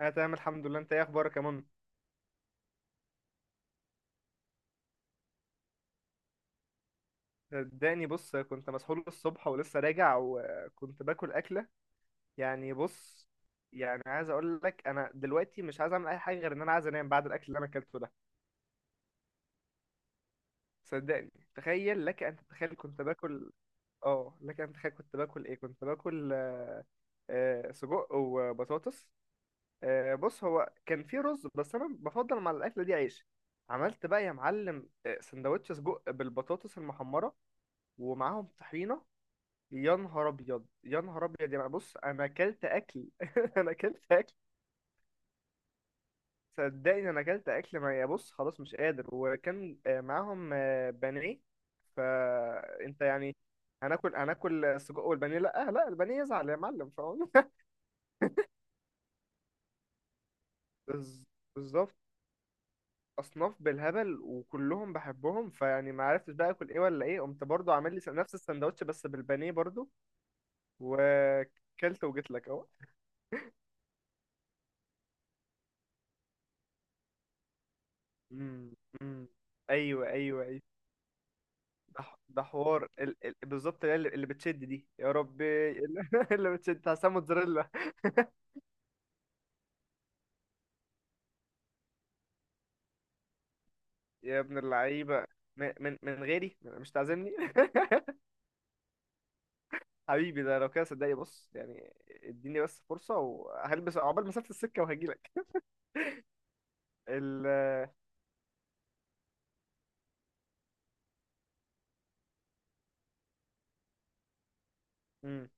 انا تمام الحمد لله. انت ايه اخبارك يا منى؟ صدقني بص كنت مسحول الصبح ولسه راجع وكنت باكل اكله. يعني بص. يعني عايز اقول لك انا دلوقتي مش عايز اعمل اي حاجه غير ان انا عايز انام بعد الاكل اللي انا اكلته ده. صدقني تخيل لك ان تتخيل كنت باكل. اه، لك ان تتخيل كنت باكل ايه كنت باكل. سجق وبطاطس. بص هو كان في رز بس انا بفضل مع الاكله دي عيش. عملت بقى يا معلم سندوتش سجق بالبطاطس المحمره ومعاهم طحينه. يا نهار ابيض يا نهار ابيض، يعني بص انا اكلت اكل انا اكلت اكل. صدقني انا اكلت اكل ما يا بص خلاص مش قادر، وكان معاهم بانيه. فانت يعني هناكل هناكل السجق والبانيه، لا لا البانيه يزعل يا معلم فاهم. بز- بالظبط. اصناف بالهبل وكلهم بحبهم فيعني ما عرفتش بقى اكل ايه ولا ايه، قمت برضو عامل لي نفس السندوتش بس بالبانيه برضو. وكلت وجيت لك اهو. أمم. أمم. ايوه ايوه ايوه. ده ده حوار بالظبط اللي بتشد دي يا ربي. اللي بتشد بتاع موتزاريلا. يا ابن اللعيبه، من غيري مش تعزمني. حبيبي ده لو كده صدقني بص، يعني اديني بس فرصه وهلبس عقبال مسافه السكه وهجيلك. ال... مم.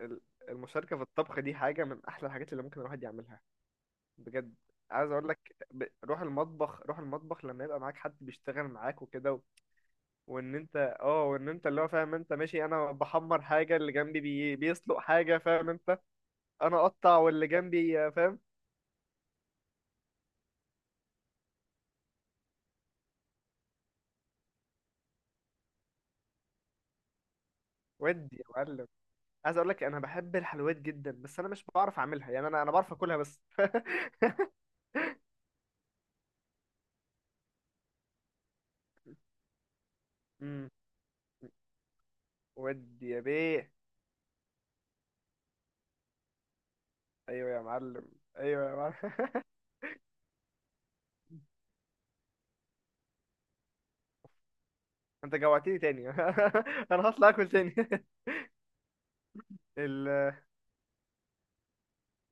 ال... المشاركه في الطبخ دي حاجه من احلى الحاجات اللي ممكن الواحد يعملها. بجد. عايز اقول لك روح المطبخ روح المطبخ لما يبقى معاك حد بيشتغل معاك وكده. وان انت. اه وان انت اللي هو فاهم انت، ماشي انا بحمر حاجه، اللي جنبي بيسلق حاجه، فاهم انت. انا اقطع واللي جنبي فاهم. ودي يا معلم. عايز اقول لك انا بحب الحلويات جدا بس انا مش بعرف اعملها، يعني انا بعرف اكلها بس. امم. ودي يا بيه. ايوه يا معلم. ايوه يا معلم. انت جوعتني تاني انا هطلع اكل تاني.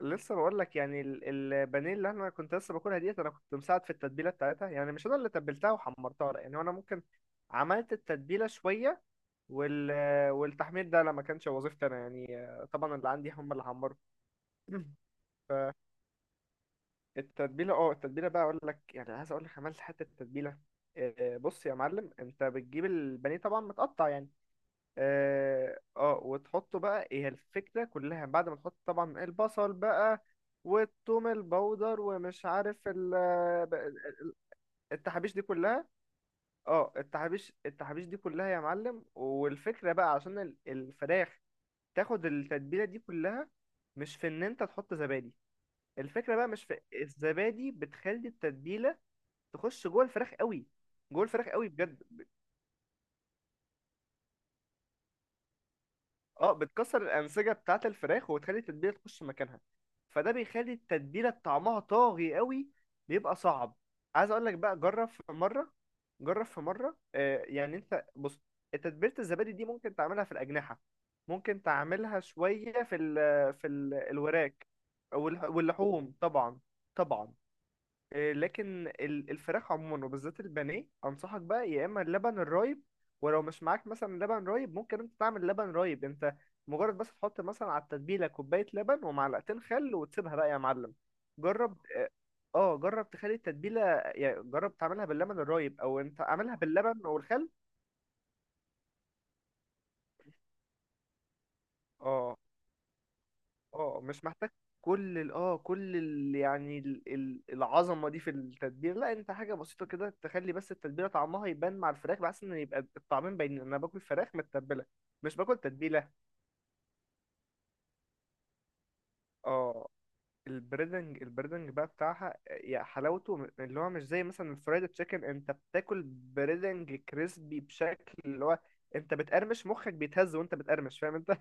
لسه بقول لك، يعني البانيه اللي انا كنت لسه باكلها ديت انا كنت مساعد في التتبيله بتاعتها، يعني مش انا اللي تبلتها وحمرتها، لا يعني انا ممكن عملت التتبيله شويه، وال والتحمير ده لما كانش وظيفتي انا يعني. طبعا اللي عندي هم اللي حمروا. التتبيله، اه التتبيله بقى اقول لك، يعني عايز اقول لك عملت حته تتبيله. بص يا معلم، انت بتجيب البانيه طبعا متقطع يعني. اه وتحطه بقى، هي الفكرة كلها، بعد ما تحط طبعا البصل بقى والثوم البودر ومش عارف ال- التحابيش دي كلها. اه التحابيش دي كلها يا معلم، والفكرة بقى عشان الفراخ تاخد التتبيلة دي كلها، مش في ان انت تحط زبادي، الفكرة بقى مش في الزبادي، بتخلي التتبيلة تخش جوه الفراخ قوي. جوه الفراخ قوي بجد. اه بتكسر الانسجه بتاعه الفراخ وتخلي التتبيله تخش مكانها. فده بيخلي التتبيله طعمها طاغي قوي، بيبقى صعب. عايز اقول لك بقى جرب في مره. جرب في مره آه، يعني انت بص تتبيله الزبادي دي ممكن تعملها في الاجنحه، ممكن تعملها شويه في ال في ال الوراك، واللحوم طبعا. طبعا. لكن الفراخ عموما وبالذات البانيه انصحك بقى يا اما اللبن الرايب. ولو مش معاك مثلا لبن رايب، ممكن انت تعمل لبن رايب انت، مجرد بس تحط مثلا على التتبيله كوبايه لبن ومعلقتين خل وتسيبها بقى يا معلم. جرب. اه جرب تخلي التتبيله، يعني جرب تعملها باللبن الرايب او انت اعملها باللبن والخل. اه اه مش محتاج. كل ال يعني ال العظمه دي في التتبيله، لا انت حاجه بسيطه كده تخلي بس التتبيله طعمها يبان مع الفراخ بحيث ان يبقى الطعمين باينين، انا باكل فراخ متبله مش باكل تتبيله. اه البريدنج، البريدنج بقى بتاعها، يا حلاوته، اللي هو مش زي مثلا الفرايد تشيكن، انت بتاكل بريدنج كريسبي بشكل اللي هو انت بتقرمش، مخك بيتهز وانت بتقرمش، فاهم انت.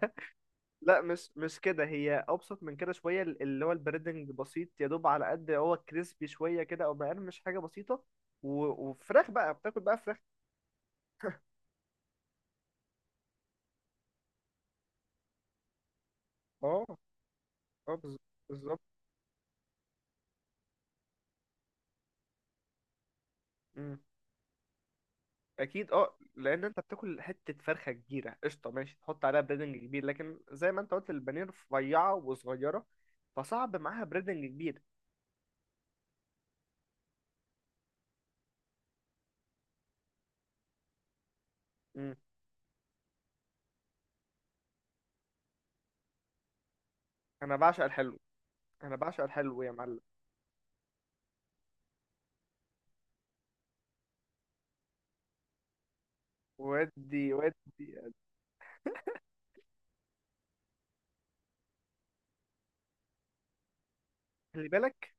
لا مش كده، هي ابسط من كده شويه، اللي هو البريدنج بسيط، يا دوب على قد هو كريسبي شويه كده او مقرمش حاجه بسيطه. و... وفراخ بقى بتاكل بقى فراخ. اه اه بالظبط. مم. اكيد اه، لان انت بتاكل حته فرخه كبيره قشطه، ماشي تحط عليها بريدنج كبير، لكن زي ما انت قلت البانيه رفيعه وصغيره، فصعب معاها بريدنج كبير. مم. انا بعشق الحلو. انا بعشق الحلو يا معلم. ودي ودي. خلي بالك،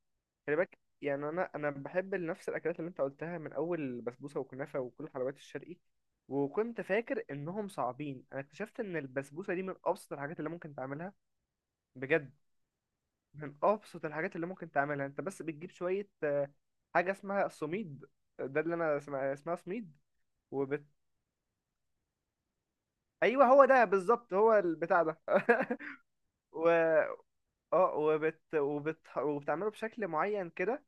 خلي بالك يعني انا بحب نفس الاكلات اللي انت قلتها من اول بسبوسه وكنافه وكل الحلويات الشرقي، وكنت فاكر انهم صعبين، انا اكتشفت ان البسبوسه دي من ابسط الحاجات اللي ممكن تعملها. بجد من ابسط الحاجات اللي ممكن تعملها، انت بس بتجيب شويه حاجه اسمها السميد، ده اللي انا اسمها اسمها سميد، وبت ايوه هو ده بالظبط هو البتاع ده. و اه وبتعمله بشكل معين كده،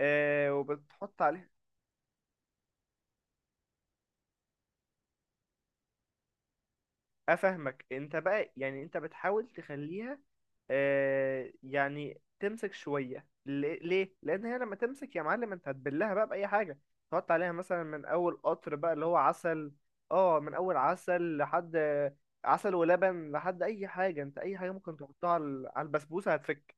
وبتحط عليه. افهمك انت بقى، يعني انت بتحاول تخليها آه، يعني تمسك شويه، ليه لان هي لما تمسك يا معلم انت هتبلها بقى باي حاجه، تحط عليها مثلا من اول قطر بقى اللي هو عسل. اه من اول عسل لحد، عسل ولبن لحد اي حاجه، انت اي حاجه ممكن تحطها على على البسبوسه هتفك.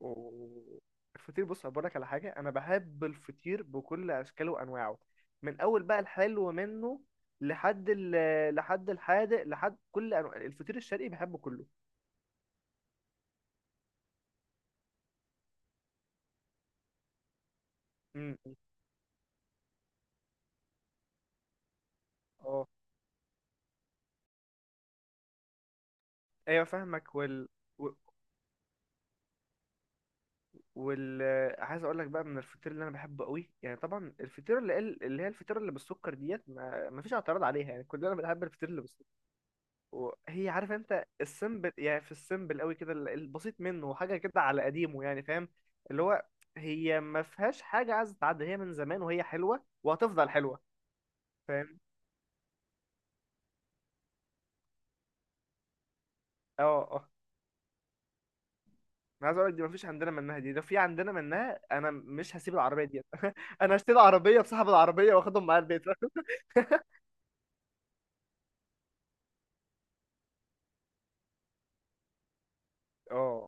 و- الفطير، بص أقول لك على حاجة، أنا بحب الفطير بكل أشكاله وأنواعه، من أول بقى الحلو منه لحد لحد الحادق، لحد كل أنواع الفطير الشرقي بحبه كله. امم. اه ايوه فاهمك. وال و- وال عايز اقول لك بقى من الفطير اللي انا بحبه قوي، يعني طبعا الفطير اللي اللي هي الفطيره اللي بالسكر ديت ما ما فيش اعتراض عليها، يعني كلنا بنحب الفطير اللي. وهي عارف انت السيمبل، يعني في السيمبل قوي كده البسيط منه، حاجه كده على قديمه يعني فاهم، اللي هو هي ما فيهاش حاجه عايزه تتعدى، هي من زمان وهي حلوه وهتفضل حلوه. فاهم. اه اه انا عايز اقول لك دي ما فيش عندنا منها، دي لو في عندنا منها انا مش هسيب العربيه دي. انا هشتري عربيه بصاحب العربيه واخدهم معايا البيت. اه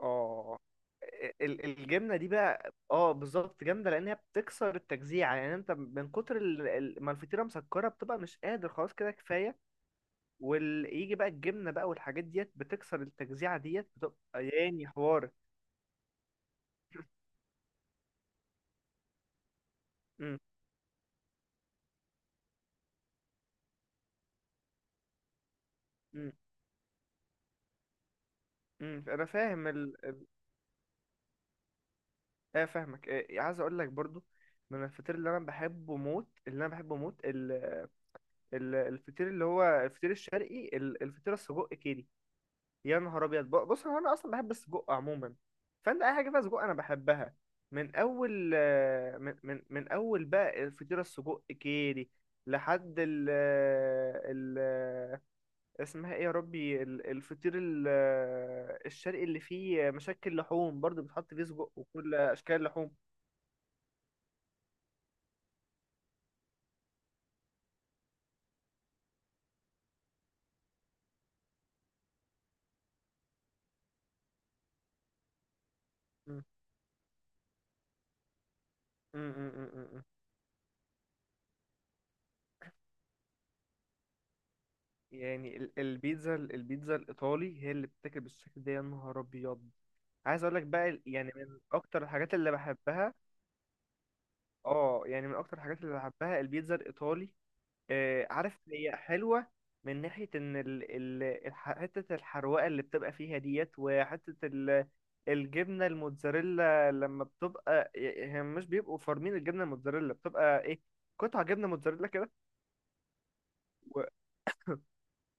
اه الجبنه دي بقى اه بالظبط جامده، لان هي بتكسر التجزيع، يعني انت من كتر ما الفطيره مسكره، بتبقى مش قادر خلاص كده كفايه، ويجي بقى الجبنة بقى والحاجات ديت بتكسر التجزيعة ديت، بتبقى ياني حوار. امم. امم. انا فاهم اه فاهمك. اه عايز اقول لك برضو، من الفطير اللي انا بحبه موت، اللي انا بحبه موت الفطير اللي هو الفطير الشرقي، الفطير السجق كيري. يا نهار ابيض، بص هو انا اصلا بحب السجق عموما، فانت اي حاجه فيها سجق انا بحبها. من اول من اول بقى الفطير السجق كيري لحد ال ال اسمها ايه يا ربي الفطير الشرقي اللي فيه مشكل لحوم، برضو بتحط فيه سجق وكل اشكال اللحوم. م- م. يعني البيتزا، البيتزا الايطالي هي اللي بتاكل بالشكل ده. يا نهار ابيض عايز اقول لك بقى يعني من اكتر الحاجات اللي بحبها. اه يعني من اكتر الحاجات اللي بحبها البيتزا الايطالي. عارف هي حلوة، من ناحية إن حتة الحروقة اللي بتبقى فيها ديت، وحتة الجبنة الموتزاريلا، لما بتبقى هي مش بيبقوا فارمين الجبنة الموتزاريلا، بتبقى إيه، قطع جبنة موتزاريلا كده. و...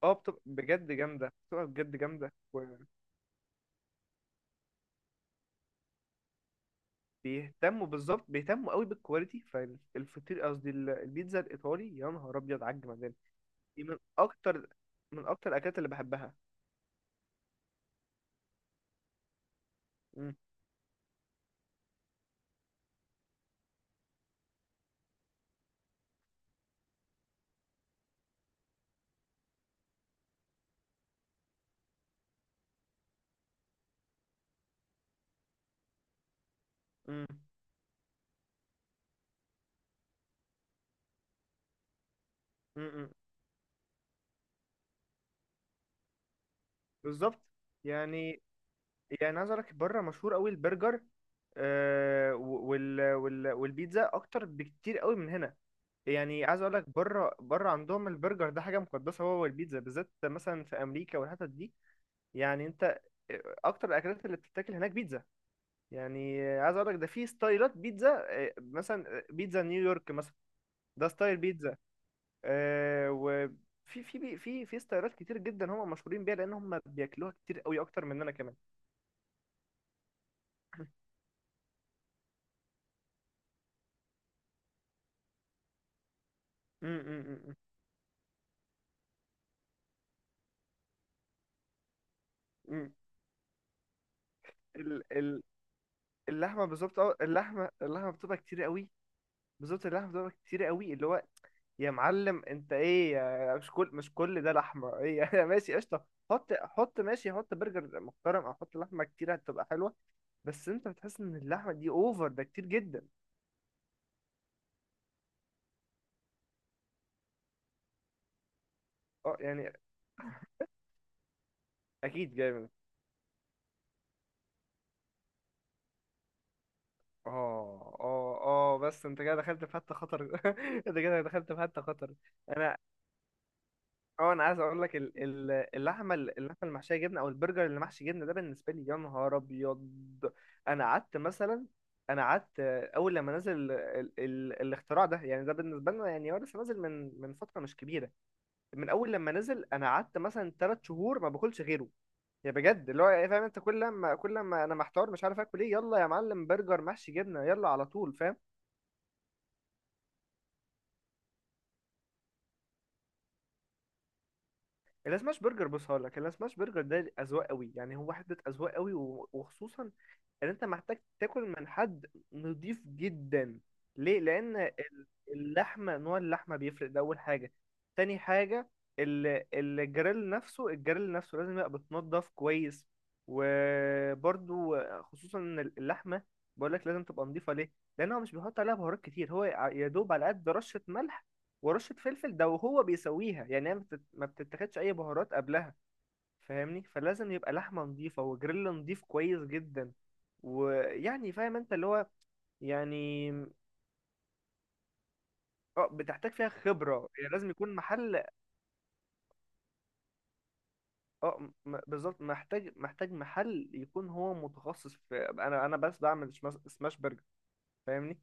اه بتبقى بجد جامدة، بتبقى بجد جامدة. وبيهتموا بالظبط، بيهتموا قوي بالكواليتي. فالفطير قصدي البيتزا الإيطالي يا نهار أبيض على الجمدان. دي من أكتر، من أكتر الأكلات اللي بحبها. مم. مم. مم. بالظبط. يعني، يعني عايز اقول لك بره مشهور قوي البرجر والبيتزا اكتر بكتير قوي من هنا. يعني عايز اقول لك بره، بره عندهم البرجر ده حاجه مقدسه، هو والبيتزا بالذات مثلا في امريكا والحتت دي. يعني انت اكتر الاكلات اللي بتتاكل هناك بيتزا. يعني عايز اقول لك ده في ستايلات بيتزا، مثلا بيتزا نيويورك مثلا، ده ستايل بيتزا، آه، وفي في ستايلات كتير جدا هم مشهورين بيها، لان هم بياكلوها كتير قوي اكتر مننا كمان. مم. مم. مم. مم. ال- ال- اللحمه بالظبط، اه اللحمه، اللحمه بتبقى كتير قوي. بالظبط اللحمه بتبقى كتير قوي اللي هو. يا معلم انت ايه مش كل مش كل ده لحمه ايه؟ يا ماشي قشطه، حط حط ماشي، حط برجر محترم او حط لحمه كتير هتبقى حلوه، بس انت بتحس ان اللحمه دي اوفر، ده كتير جدا. اه يعني اكيد جاي من. اه اه اه بس انت كده دخلت في حته خطر. انت كده دخلت في حته خطر. انا اه، انا عايز اقول لك اللحمه، اللحمه المحشيه جبنه، او البرجر اللي محشي جبنه، ده بالنسبه لي يا نهار ابيض. انا قعدت مثلا، انا قعدت اول لما نزل ال ال ال الاختراع ده، يعني ده بالنسبه لنا، يعني هو لسه نازل من فتره مش كبيره، من اول لما نزل انا قعدت مثلا ثلاث شهور ما باكلش غيره. يا بجد اللي هو إيه، فاهم انت، كل لما انا محتار مش عارف اكل ايه، يلا يا معلم برجر محشي جبنه يلا على طول فاهم. السماش برجر بص هقول لك، السماش برجر ده اذواق قوي، يعني هو حته اذواق قوي، وخصوصا ان انت محتاج تاكل من حد نضيف جدا. ليه؟ لان اللحمه، نوع اللحمه بيفرق، ده اول حاجه. تاني حاجه الجريل نفسه، الجريل نفسه لازم يبقى بتنضف كويس. وبرضو خصوصا ان اللحمه، بقول لك لازم تبقى نضيفه ليه، لان هو مش بيحط عليها بهارات كتير، هو يا دوب على قد رشه ملح ورشه فلفل ده وهو بيسويها، يعني هي ما بتتاخدش اي بهارات قبلها. فاهمني، فلازم يبقى لحمة نظيفة وجريل نظيف كويس جدا، ويعني فاهم انت اللي هو، يعني اه بتحتاج فيها خبرة، يعني لازم يكون محل. اه بالظبط، محتاج محتاج محل يكون هو متخصص في، انا بس بعمل سماش سماش برجر، فاهمني.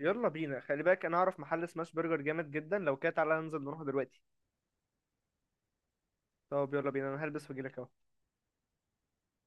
يلا بينا، خلي بالك انا اعرف محل سماش برجر جامد جدا، لو كده تعالى ننزل نروح دلوقتي. طب يلا بينا، انا هلبس واجيلك اهو.